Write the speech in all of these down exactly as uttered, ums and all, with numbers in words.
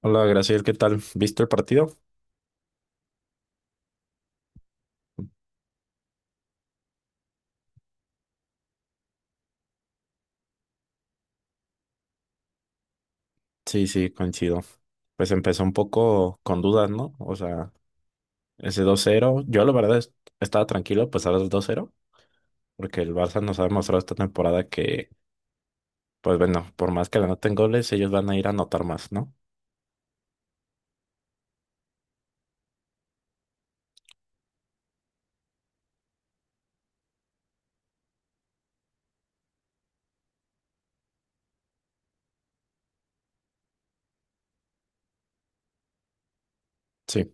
Hola, Graciel, ¿qué tal? ¿Viste el partido? Sí, sí, coincido. Pues empezó un poco con dudas, ¿no? O sea, ese dos cero, yo la verdad es- estaba tranquilo, pues ahora el dos cero, porque el Barça nos ha demostrado esta temporada que, pues bueno, por más que le anoten goles, ellos van a ir a anotar más, ¿no? Sí,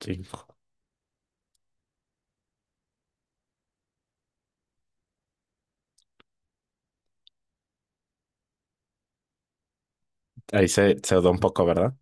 sí. Ahí se, se dudó un poco, ¿verdad?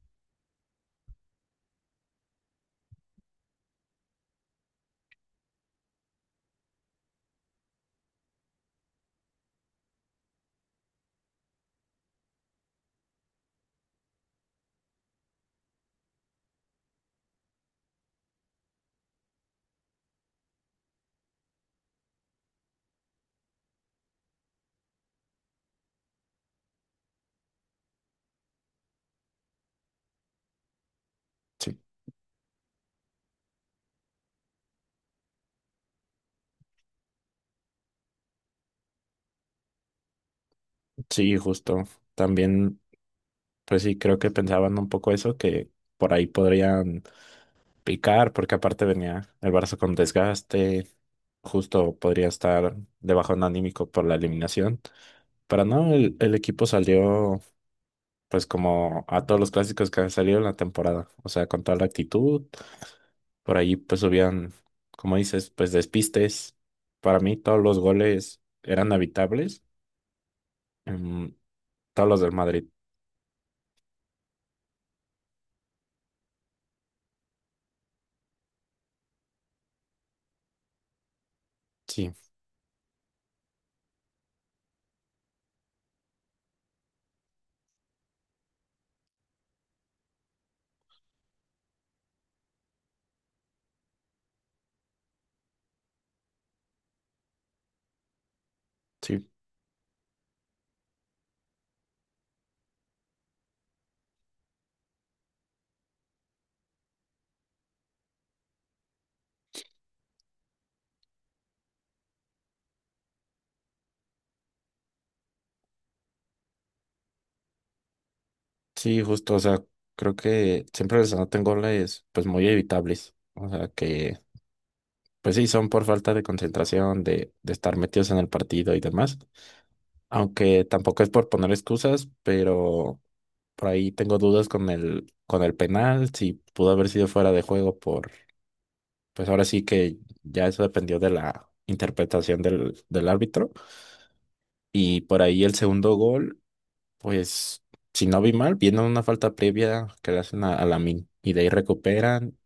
Sí, sí, justo. También, pues sí, creo que pensaban un poco eso, que por ahí podrían picar, porque aparte venía el Barça con desgaste, justo podría estar de bajón anímico por la eliminación. Pero no, el, el equipo salió pues como a todos los clásicos que han salido en la temporada, o sea, con toda la actitud, por ahí pues subían, como dices, pues despistes. Para mí todos los goles eran habitables, em, todos los del Madrid, sí, sí, sí, justo, o sea, creo que siempre les anotan goles pues muy evitables, o sea, que pues sí, son por falta de concentración, de, de estar metidos en el partido y demás. Aunque tampoco es por poner excusas, pero por ahí tengo dudas con el, con el penal, si pudo haber sido fuera de juego por, pues ahora sí que ya eso dependió de la interpretación del, del árbitro. Y por ahí el segundo gol, pues si no vi mal, viene una falta previa que le hacen a, la Lamine y de ahí recuperan.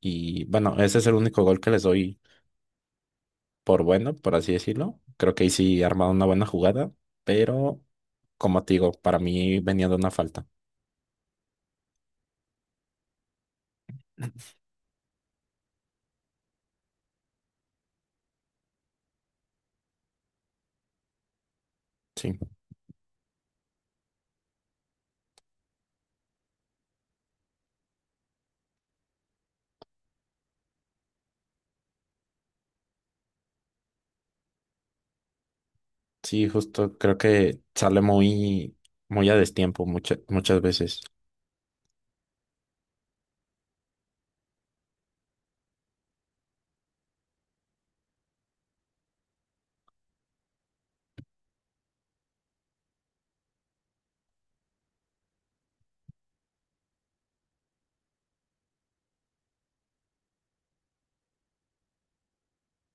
Y bueno, ese es el único gol que les doy por bueno, por así decirlo. Creo que ahí sí armaron una buena jugada, pero como te digo, para mí venía de una falta. Sí, sí, justo creo que sale muy, muy a destiempo muchas muchas veces.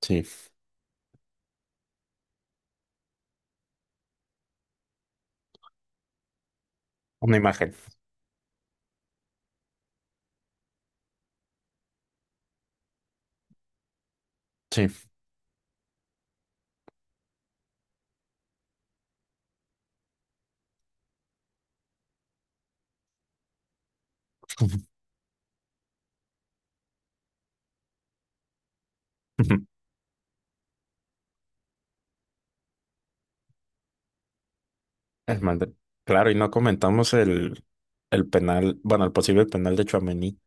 Sí, una imagen. Sí. El mand- Claro, y no comentamos el, el penal, bueno, el posible penal de Tchouaméni.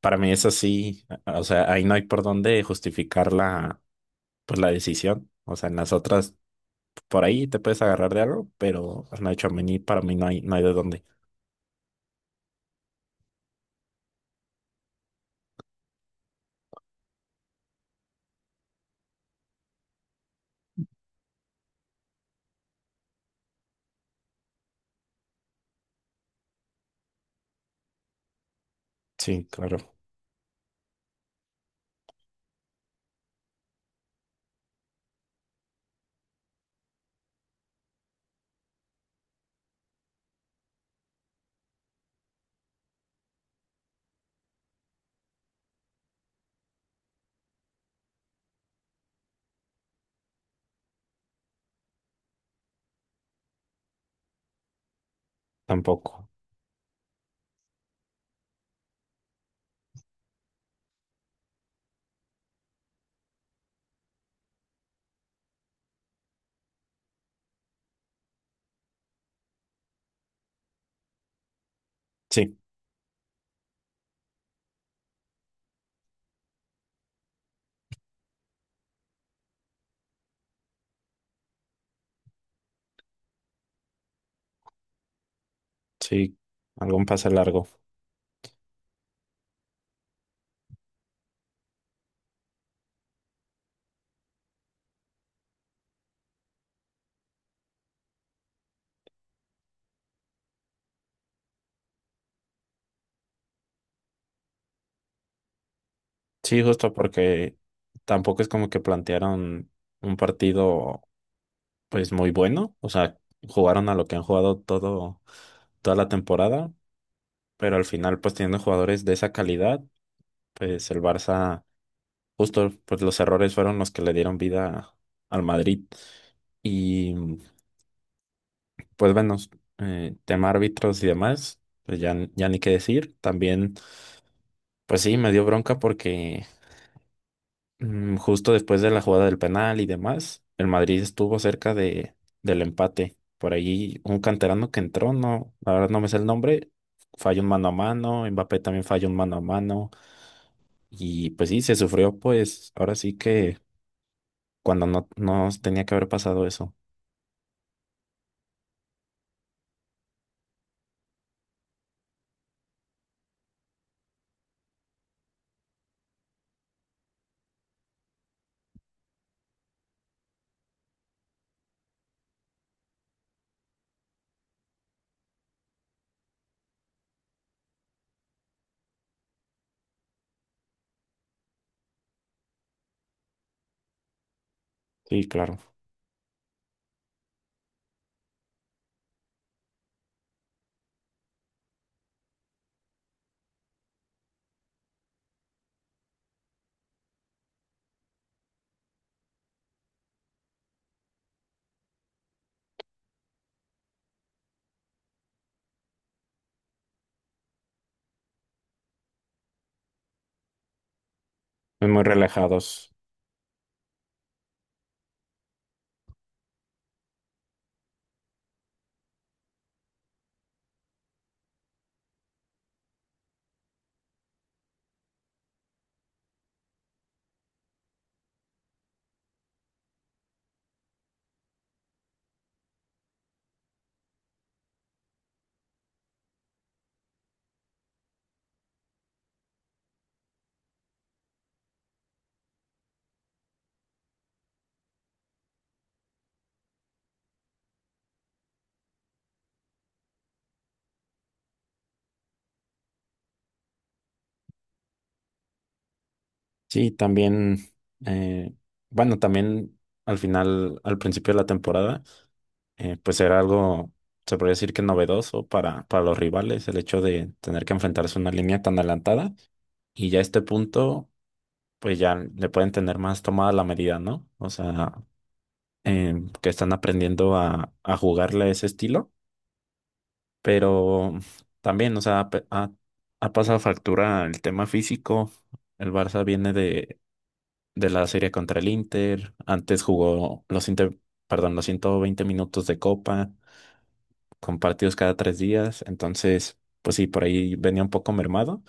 Para mí es así, o sea, ahí no hay por dónde justificar la, pues, la decisión. O sea, en las otras por ahí te puedes agarrar de algo, pero pues, no hecho mí, para mí no hay, no hay de dónde. Sí, claro, tampoco. Sí, sí, algún pase largo. Sí, justo porque tampoco es como que plantearon un partido pues muy bueno, o sea, jugaron a lo que han jugado todo, toda la temporada, pero al final pues teniendo jugadores de esa calidad, pues el Barça, justo pues los errores fueron los que le dieron vida al Madrid. Y pues bueno, eh, tema árbitros y demás, pues ya, n- ya ni qué decir. También, pues sí, me dio bronca porque mm, justo después de la jugada del penal y demás, el Madrid estuvo cerca de, del empate. Por ahí un canterano que entró, no, la verdad no me sé el nombre, falló un mano a mano, Mbappé también falló un mano a mano. Y pues sí, se sufrió, pues ahora sí que cuando no, no tenía que haber pasado eso. Sí, claro, muy relajados. Sí, también, eh, bueno, también al final, al principio de la temporada, eh, pues era algo, se podría decir que novedoso para, para los rivales, el hecho de tener que enfrentarse a una línea tan adelantada y ya a este punto, pues ya le pueden tener más tomada la medida, ¿no? O sea, eh, que están aprendiendo a, a, jugarle a ese estilo, pero también, o sea, ha, pe- ha ha pasado factura el tema físico. El Barça viene de, de la serie contra el Inter. Antes jugó los Inter, perdón, los ciento veinte minutos de Copa, con partidos cada tres días. Entonces, pues sí, por ahí venía un poco mermado.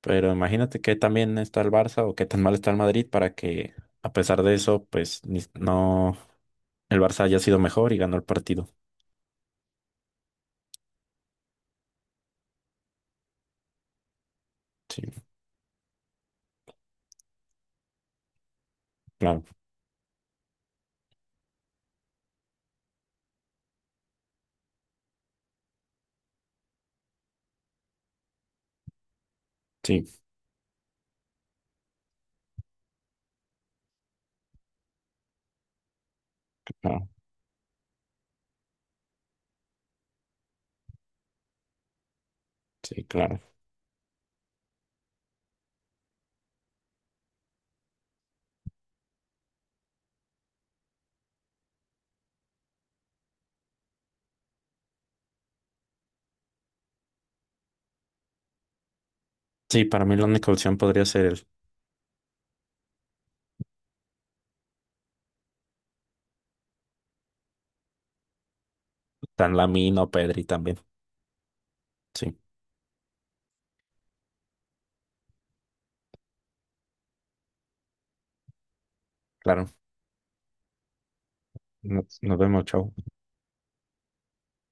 Pero imagínate que también está el Barça o qué tan mal está el Madrid para que, a pesar de eso, pues ni- no, el Barça haya sido mejor y ganó el partido. Sí, claro, sí, claro, sí, claro. Sí, para mí la única opción podría ser el Tan Lamine o Pedri también. Sí, claro. Nos, nos vemos, chao.